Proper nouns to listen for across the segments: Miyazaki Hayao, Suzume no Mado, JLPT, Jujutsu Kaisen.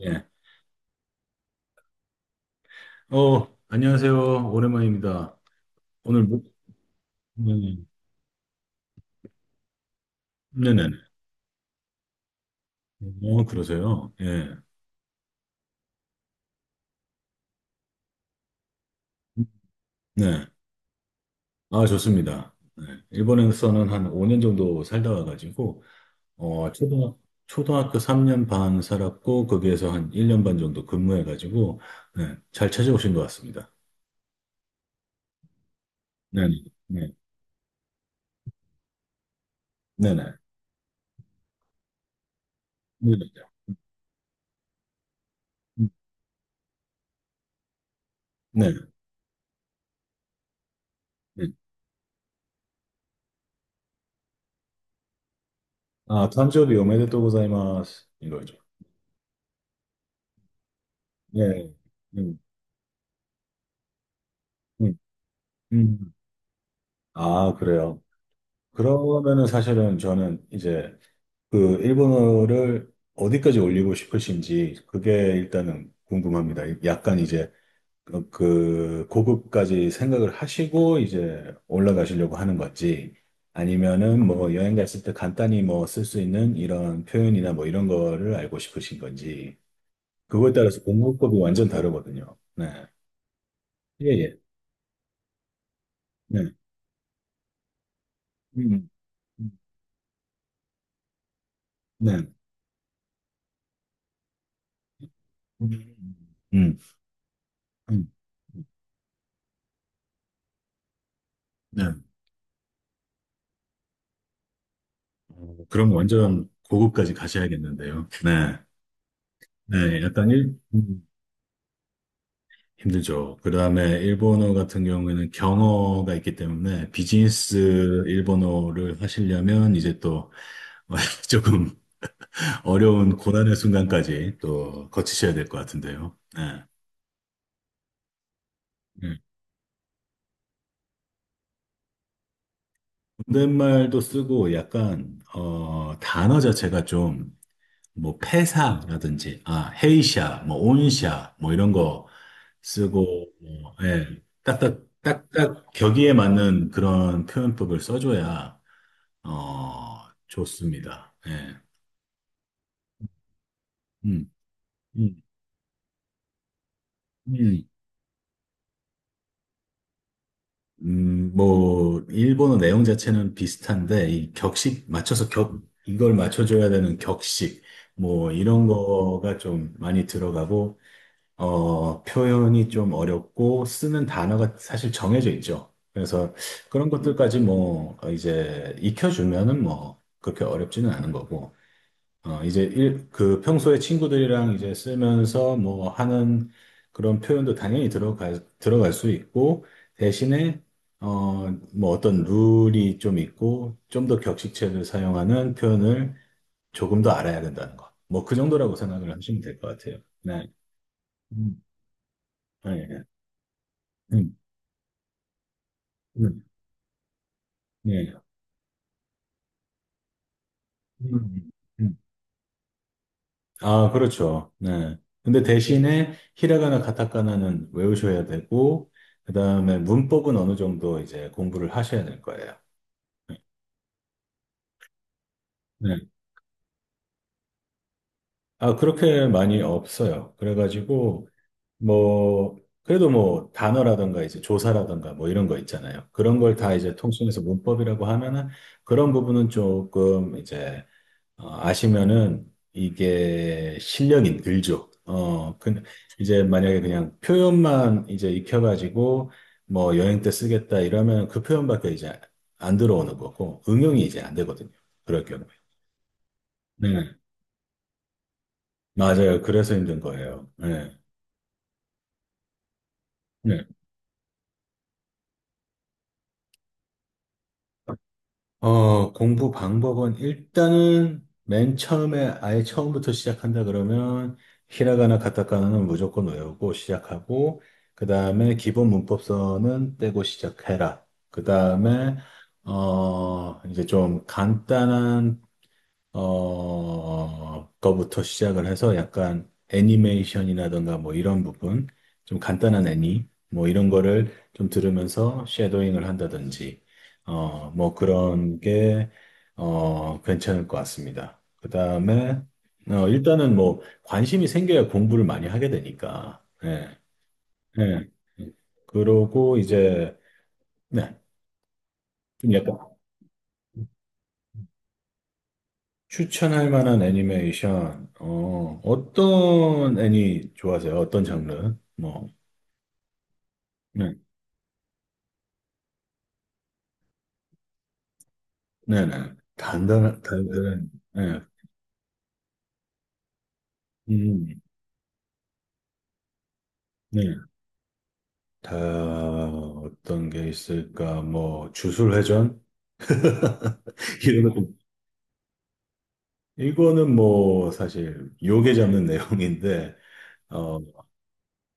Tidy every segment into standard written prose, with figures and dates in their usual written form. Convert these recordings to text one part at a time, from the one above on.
예. 안녕하세요. 오랜만입니다. 오늘, 네, 네네. 그러세요. 예. 네. 아, 좋습니다. 네. 일본에서는 한 5년 정도 살다 와가지고, 어, 초등, 초등학교 3년 반 살았고, 거기에서 한 1년 반 정도 근무해가지고, 네. 잘 찾아오신 것 같습니다. 네네. 네. 네네. 네네. 네. 네. 네, 네. 네, 네. 아, 탄조비 오메데 또고자이마스. 이거죠. 네. 음, 음, 음. 아, 그래요. 그러면은 사실은 저는 이제 그 일본어를 어디까지 올리고 싶으신지 그게 일단은 궁금합니다. 약간 이제 그, 그 고급까지 생각을 하시고 이제 올라가시려고 하는 건지 아니면은 뭐 여행 갔을 때 간단히 뭐 쓸 수 있는 이런 표현이나 뭐 이런 거를 알고 싶으신 건지 그거에 따라서 공부법이 완전 다르거든요. 네. 예, 예. 네. 음. 음, 음. 네. 음. 음. 음. 음, 음. 네. 그럼 완전 고급까지 가셔야겠는데요. 네. 네, 약간 일, 음, 힘들죠. 그 다음에 일본어 같은 경우에는 경어가 있기 때문에 비즈니스 일본어를 하시려면 이제 또 조금 어려운 고난의 순간까지 또 거치셔야 될 것 같은데요. 네. 네. 존댓말도 쓰고 약간 단어 자체가 좀 뭐 폐사라든지 아 헤이샤 뭐 온샤 뭐 이런 거 쓰고, 뭐, 예, 딱딱, 딱딱 격의에 맞는 그런 표현법을 써줘야, 어, 좋습니다. 예. 음, 음, 음. 뭐, 일본어 내용 자체는 비슷한데, 이 격식, 맞춰서 격, 이걸 맞춰줘야 되는 격식, 뭐, 이런 거가 좀 많이 들어가고, 표현이 좀 어렵고 쓰는 단어가 사실 정해져 있죠. 그래서 그런 것들까지 이제 익혀주면은 뭐 그렇게 어렵지는 않은 거고. 그 평소에 친구들이랑 이제 쓰면서 뭐 하는 그런 표현도 당연히 들어갈 수 있고 대신에 어, 뭐 어떤 룰이 좀 있고 좀 더 격식체를 사용하는 표현을 조금 더 알아야 된다는 거. 뭐 그 정도라고 생각을 하시면 될 것 같아요. 네. 음. 네. 음, 음, 예. 음. 음. 아, 그렇죠. 네. 근데 대신에 히라가나 가타카나는 외우셔야 되고, 그 다음에 문법은 어느 정도 이제 공부를 하셔야 될 거예요. 네. 네. 아, 그렇게 많이 없어요. 그래가지고, 뭐, 그래도 뭐, 단어라든가 이제 조사라든가 뭐 이런 거 있잖아요. 그런 걸 다 이제 통칭해서 문법이라고 하면은 그런 부분은 조금 이제 아시면은 이게 실력이 늘죠. 어, 근 이제 만약에 그냥 표현만 이제 익혀가지고 뭐 여행 때 쓰겠다 이러면 그 표현밖에 이제 안 들어오는 거고 응용이 이제 안 되거든요. 그럴 경우에. 네, 맞아요. 그래서 힘든 거예요. 네, 네. 공부 방법은 일단은 맨 처음에 아예 처음부터 시작한다 그러면 히라가나 가타카나는 무조건 외우고 시작하고 그 다음에 기본 문법서는 떼고 시작해라. 그 다음에 어 이제 좀 간단한 거부터 시작을 해서 약간 애니메이션이라든가 뭐 이런 부분, 좀 간단한 애니, 뭐 이런 거를 좀 들으면서 쉐도잉을 한다든지, 어, 뭐 그런 게, 괜찮을 것 같습니다. 그 다음에, 일단은 뭐 관심이 생겨야 공부를 많이 하게 되니까, 예, 예. 그러고 이제, 네, 좀 약간 추천할 만한 애니메이션, 어떤 애니 좋아하세요? 어떤 장르? 뭐, 네, 네, 네. 단단한, 단단한, 네, 음, 네. 다, 어떤 게 있을까? 뭐, 주술회전? 이런 거. 이거는 뭐, 사실, 요괴 잡는 내용인데, 어,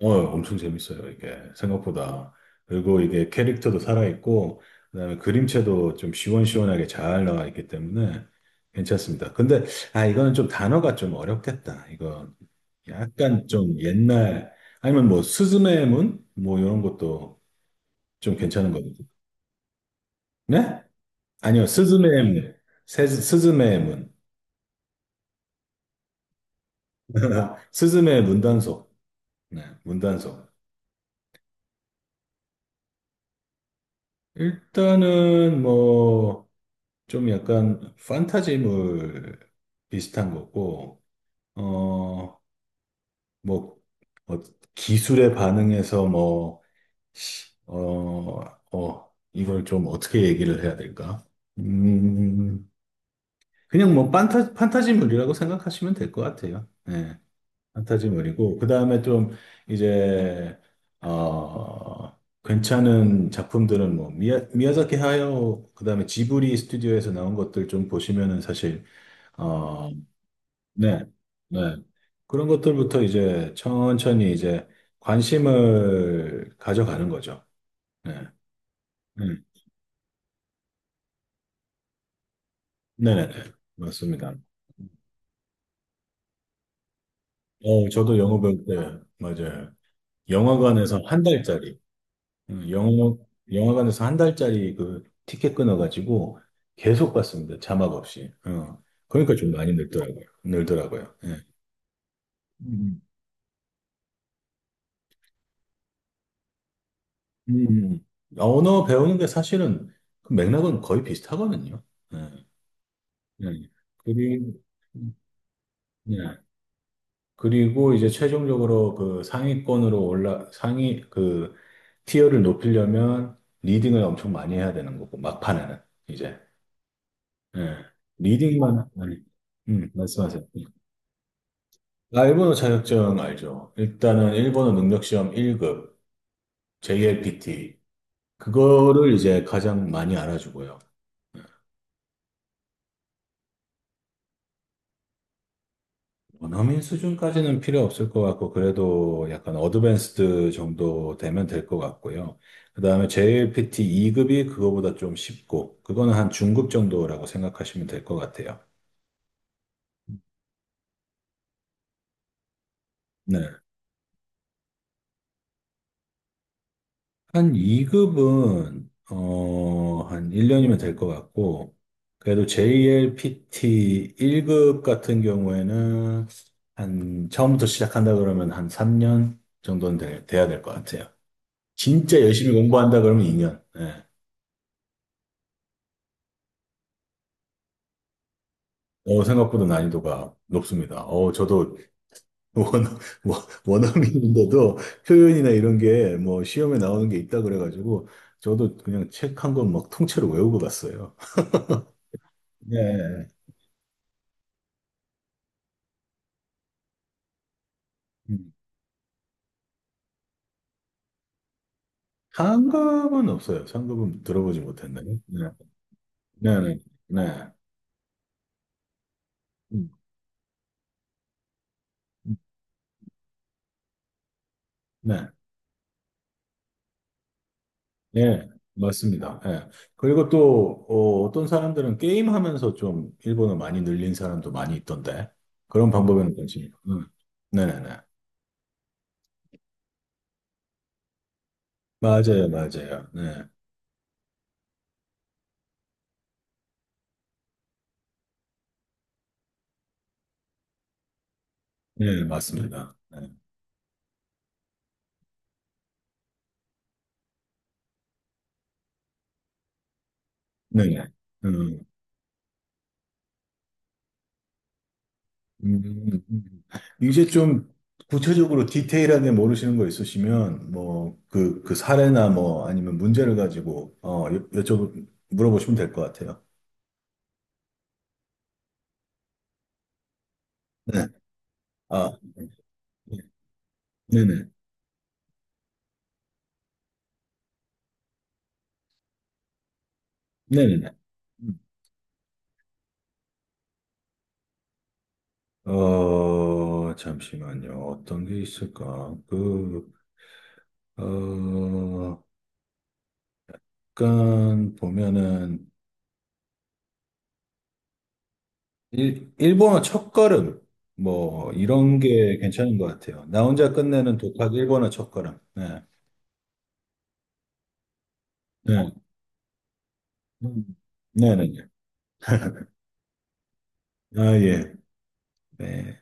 엄청 재밌어요, 이게. 생각보다. 그리고 이게 캐릭터도 살아있고, 그다음에 그림체도 좀 시원시원하게 잘 나와 있기 때문에 괜찮습니다. 근데, 아, 이거는 좀 단어가 좀 어렵겠다. 이거 약간 좀 옛날, 아니면 뭐, 스즈메의 문? 뭐, 이런 것도 좀 괜찮은 거 같아요. 네? 아니요, 스즈메의 문. 스즈메의 문. 스즈메의 문단속. 네, 문단속. 일단은 뭐, 좀 약간 판타지물 비슷한 거고, 어, 뭐, 어, 기술에 반응해서 어, 이걸 좀 어떻게 얘기를 해야 될까? 음, 그냥 뭐 판타지물이라고 생각하시면 될 것 같아요. 네, 판타지물이고, 그 다음에 좀 이제, 어, 괜찮은 작품들은 미야자키 하야오, 그 다음에 지브리 스튜디오에서 나온 것들 좀 보시면은 사실 어, 네, 네. 그런 것들부터 이제 천천히 이제 관심을 가져가는 거죠. 네, 네, 네, 네, 네. 맞습니다. 저도 영어 배울 때, 맞아요. 영화관에서 한 달짜리, 영어, 영화관에서 한 달짜리 그 티켓 끊어가지고 계속 봤습니다. 자막 없이. 어. 그러니까 좀 많이 늘더라고요. 늘더라고요. 예. 음, 음. 아, 언어 배우는 게 사실은 그 맥락은 거의 비슷하거든요. 네. 네. 그리, 네. 그리고 이제 최종적으로 그 상위권으로 티어를 높이려면 리딩을 엄청 많이 해야 되는 거고, 막판에는, 이제. 예. 리딩만, 아니, 말씀하세요. 예. 아, 일본어 자격증 알죠? 일단은 일본어 능력시험 1급, JLPT. 그거를 이제 가장 많이 알아주고요. 원어민 수준까지는 필요 없을 것 같고, 그래도 약간 어드밴스드 정도 되면 될 것 같고요. 그 다음에 JLPT 2급이 그거보다 좀 쉽고, 그거는 한 중급 정도라고 생각하시면 될 것 같아요. 네. 한 2급은, 어, 한 1년이면 될 것 같고, 그래도 JLPT 1급 같은 경우에는 한 처음부터 시작한다 그러면 한 3년 정도는 돼, 돼야 될 것 같아요. 진짜 열심히 공부한다 그러면 2년. 생각보다 난이도가 높습니다. 어, 저도 원, 원- 원어민인데도 표현이나 이런 게 뭐 시험에 나오는 게 있다 그래가지고 저도 그냥 책 한 권 막 통째로 외우고 갔어요. 네. 음. 상급은 없어요. 상급은 들어보지 못했나요 네. 네, 네, 네. 음, 음, 네. 예, 맞습니다. 예. 그리고 또 어떤 사람들은 게임하면서 좀 일본어 많이 늘린 사람도 많이 있던데 그런 방법에는 관심이. 음. 네네네. 맞아요, 맞아요. 네, 네, 맞습니다. 네, 네. 음, 음. 이제 좀 구체적으로 디테일하게 모르시는 거 있으시면 뭐 그 그 사례나 뭐 아니면 문제를 가지고 여쭤 물어보시면 될 것 같아요. 네, 아, 네네, 네네네. 음. 어 잠시만요. 어떤 게 있을까? 어, 약간 보면은 일본어 첫걸음 뭐 이런 게 괜찮은 것 같아요. 나 혼자 끝내는 독학 일본어 첫걸음. 네, 네, 음, 네, 네. 네. 아 예, 네.